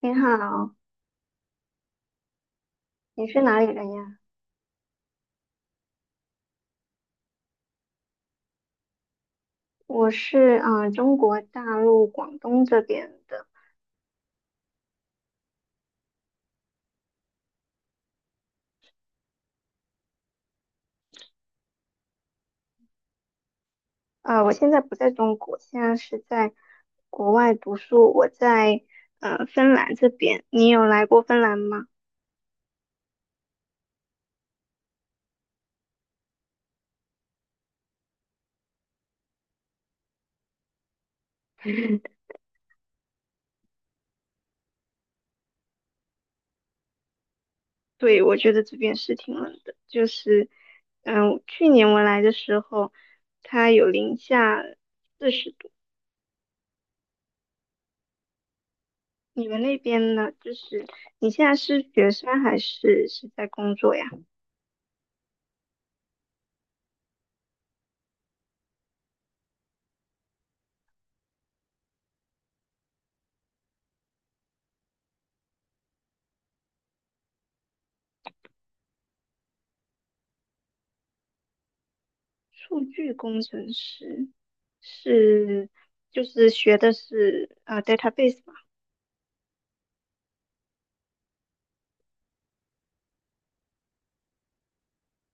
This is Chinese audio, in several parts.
你好，你是哪里人呀？我是中国大陆广东这边的。我现在不在中国，现在是在国外读书。我在芬兰这边。你有来过芬兰吗？对，我觉得这边是挺冷的，就是去年我来的时候，它有零下40度。你们那边呢？就是你现在是学生还是在工作呀？数据工程师，是，就是学的是database 嘛。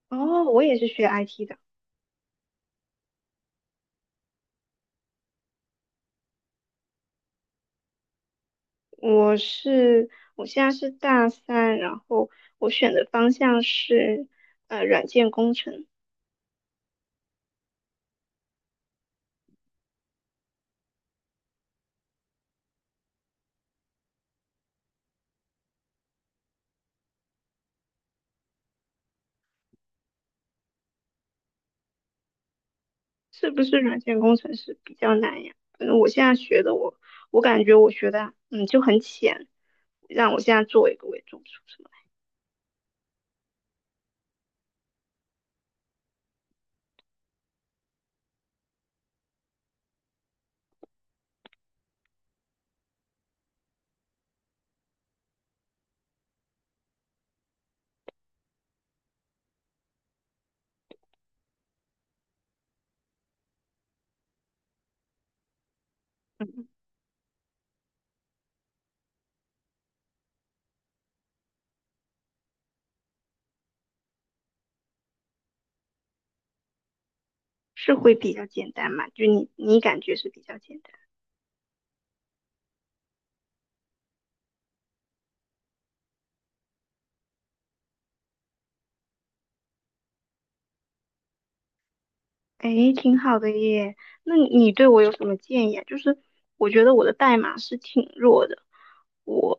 哦，我也是学 IT 的，我是我现在是大三，然后我选的方向是软件工程，是不是软件工程师比较难呀？反正我现在学的，我感觉我学的就很浅，让我现在做一个我也做不出什么来，是会比较简单嘛？就你感觉是比较简单。诶，挺好的耶。那你对我有什么建议啊？就是我觉得我的代码是挺弱的，我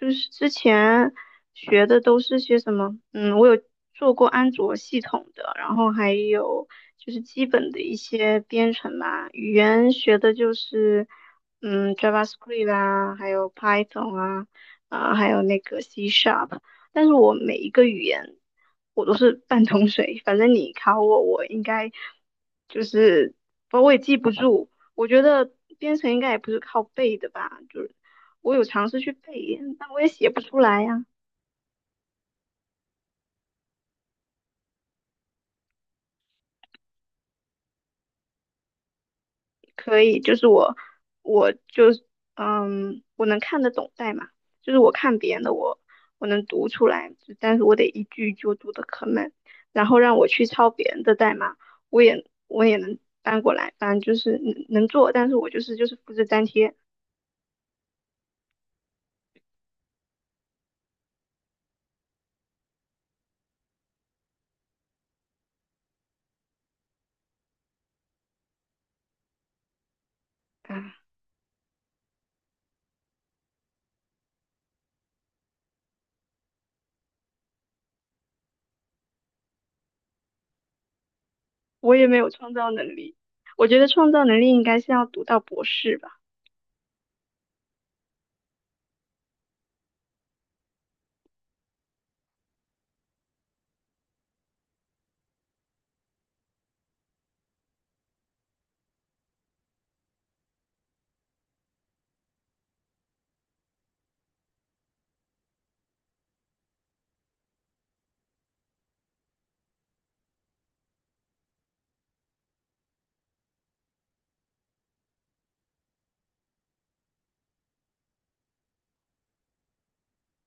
就是之前学的都是些什么，我有做过安卓系统的，然后还有就是基本的一些编程吧，语言学的就是，JavaScript 啦，还有 Python 啊，还有那个 C Sharp。但是我每一个语言我都是半桶水，反正你考我，我应该就是我也记不住。我觉得编程应该也不是靠背的吧，就是我有尝试去背，但我也写不出来呀、可以，就是我，我就，是，我能看得懂代码，就是我看别人的，我能读出来，就但是我得一句一句读的可慢，然后让我去抄别人的代码，我也能搬过来，反正就是能做，但是我就是复制粘贴，啊，我也没有创造能力，我觉得创造能力应该是要读到博士吧。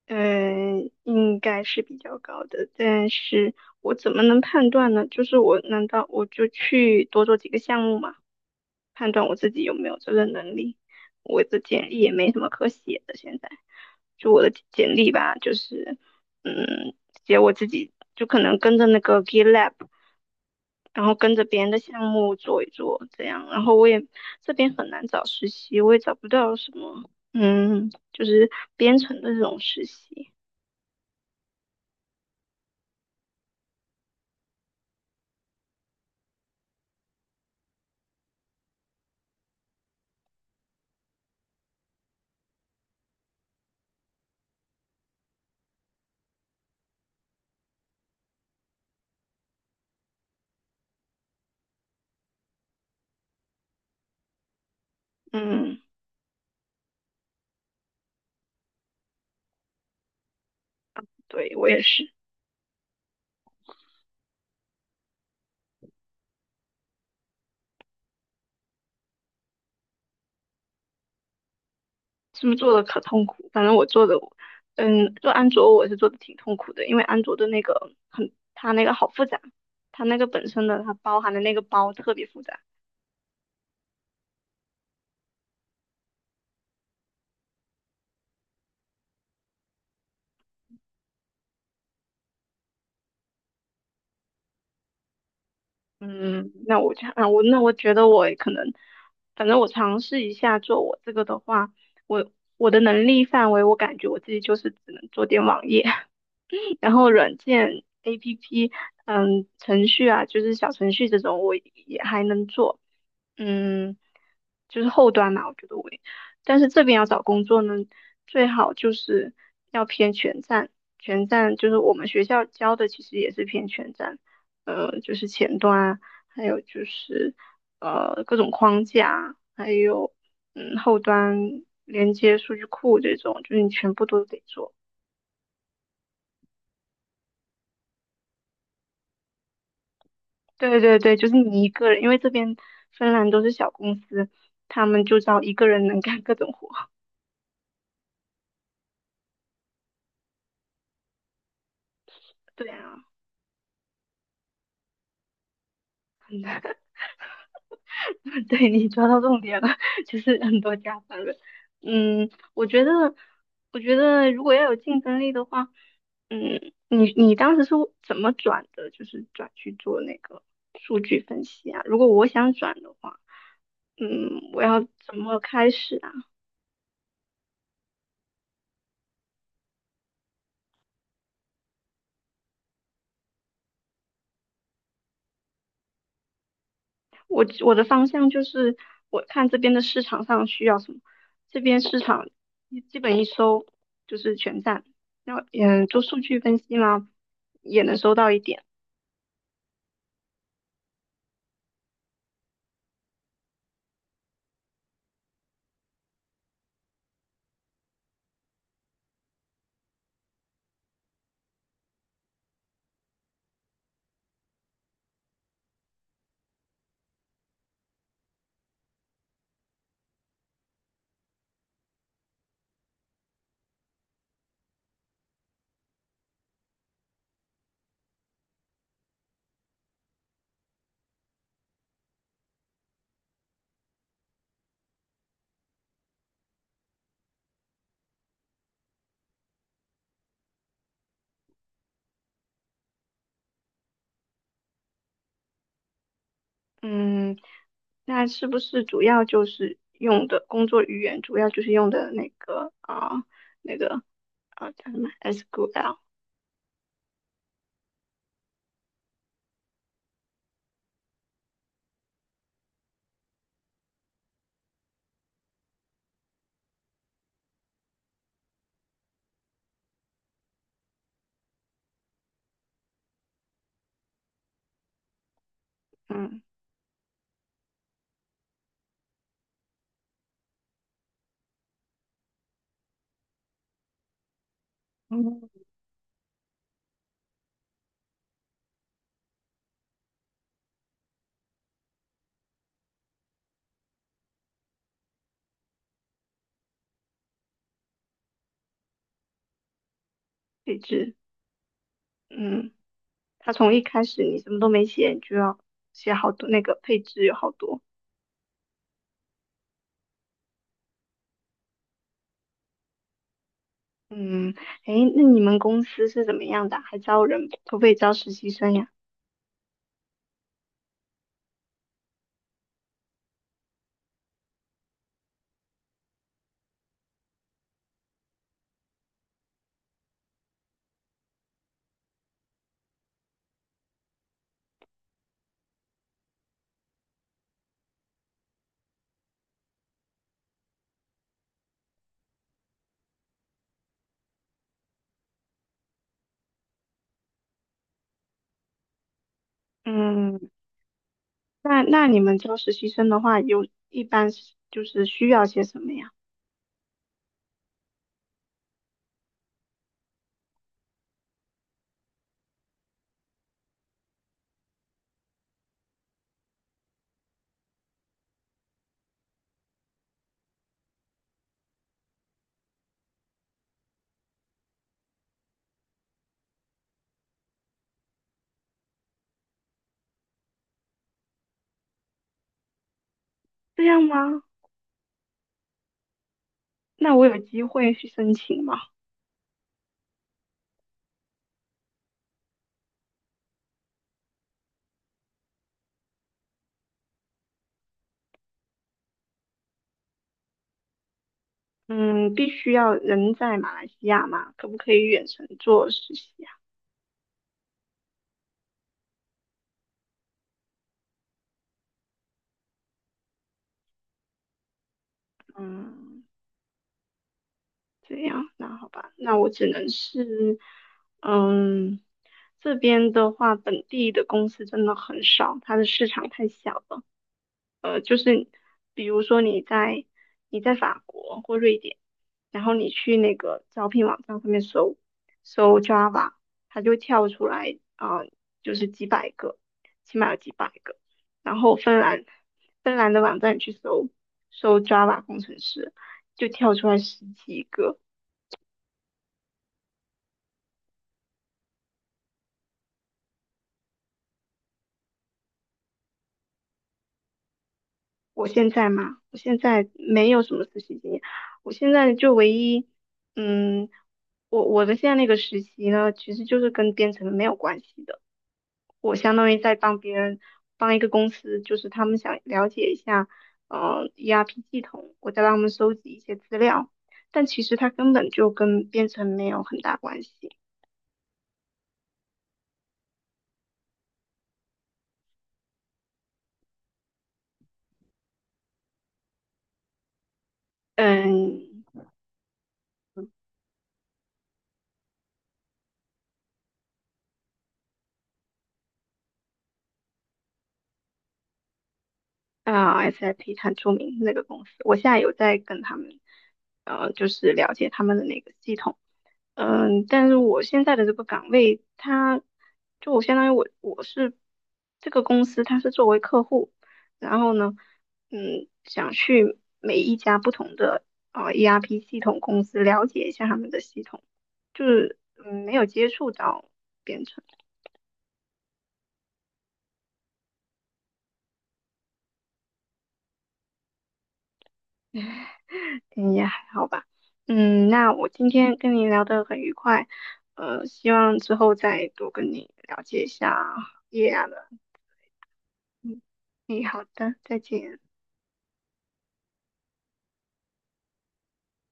嗯，应该是比较高的，但是我怎么能判断呢？就是难道我就去多做几个项目嘛，判断我自己有没有这个能力？我的简历也没什么可写的，现在就我的简历吧，就是嗯，写我自己，就可能跟着那个 GitLab，然后跟着别人的项目做一做这样，然后这边很难找实习，我也找不到什么，就是编程的这种实习，嗯。对，我也是，是不是做的可痛苦？反正我做的，做安卓我是做的挺痛苦的，因为安卓的那个很，它那个好复杂，它那个本身的它包含的那个包特别复杂。嗯，那我就我觉得我可能，反正我尝试一下做我这个的话，我我的能力范围，我感觉我自己就是只能做点网页，然后软件 APP，程序啊，就是小程序这种，我也还能做，嗯，就是后端嘛，我觉得我也，但是这边要找工作呢，最好就是要偏全站，全站就是我们学校教的，其实也是偏全站，就是前端啊，还有就是各种框架啊还有后端连接数据库这种，就是你全部都得做。对对对，就是你一个人，因为这边芬兰都是小公司，他们就招一个人能干各种活。对啊，对你抓到重点了，就是很多加班的。嗯，我觉得，我觉得如果要有竞争力的话，你当时是怎么转的？就是转去做那个数据分析啊？如果我想转的话，我要怎么开始啊？我的方向就是我看这边的市场上需要什么，这边市场一基本一搜就是全站，然后做数据分析嘛，也能搜到一点，嗯，那是不是主要就是用的工作语言，主要就是用的那个叫什么 SQL，嗯，嗯，配置，嗯，它从一开始你什么都没写，你就要写好多那个配置有好多。嗯，诶，那你们公司是怎么样的啊还招人，可不可以招实习生呀？嗯，那你们招实习生的话，有一般是就是需要些什么呀？这样吗？那我有机会去申请吗？嗯，必须要人在马来西亚吗？可不可以远程做实习呀？嗯，这样，那好吧，那我只能是，嗯，这边的话，本地的公司真的很少，它的市场太小了。比如说你在法国或瑞典，然后你去那个招聘网站上面搜搜 Java，它就跳出来就是几百个，起码有几百个。然后芬兰的网站去搜搜 Java 工程师，就跳出来十几个。我现在嘛，我现在没有什么实习经验，我现在就唯一，嗯，我的现在那个实习呢，其实就是跟编程没有关系的。我相当于在帮别人，帮一个公司，就是他们想了解一下，ERP 系统，我在帮他们收集一些资料，但其实它根本就跟编程没有很大关系。嗯，SIP 很出名那个公司，我现在有在跟他们，就是了解他们的那个系统，但是我现在的这个岗位，它就我相当于我是这个公司，它是作为客户，然后呢，想去每一家不同的ERP 系统公司了解一下他们的系统，就是没有接触到编程。嗯，也还好吧。那我今天跟你聊得很愉快，希望之后再多跟你了解一下业啊的。嗯，好的，再见。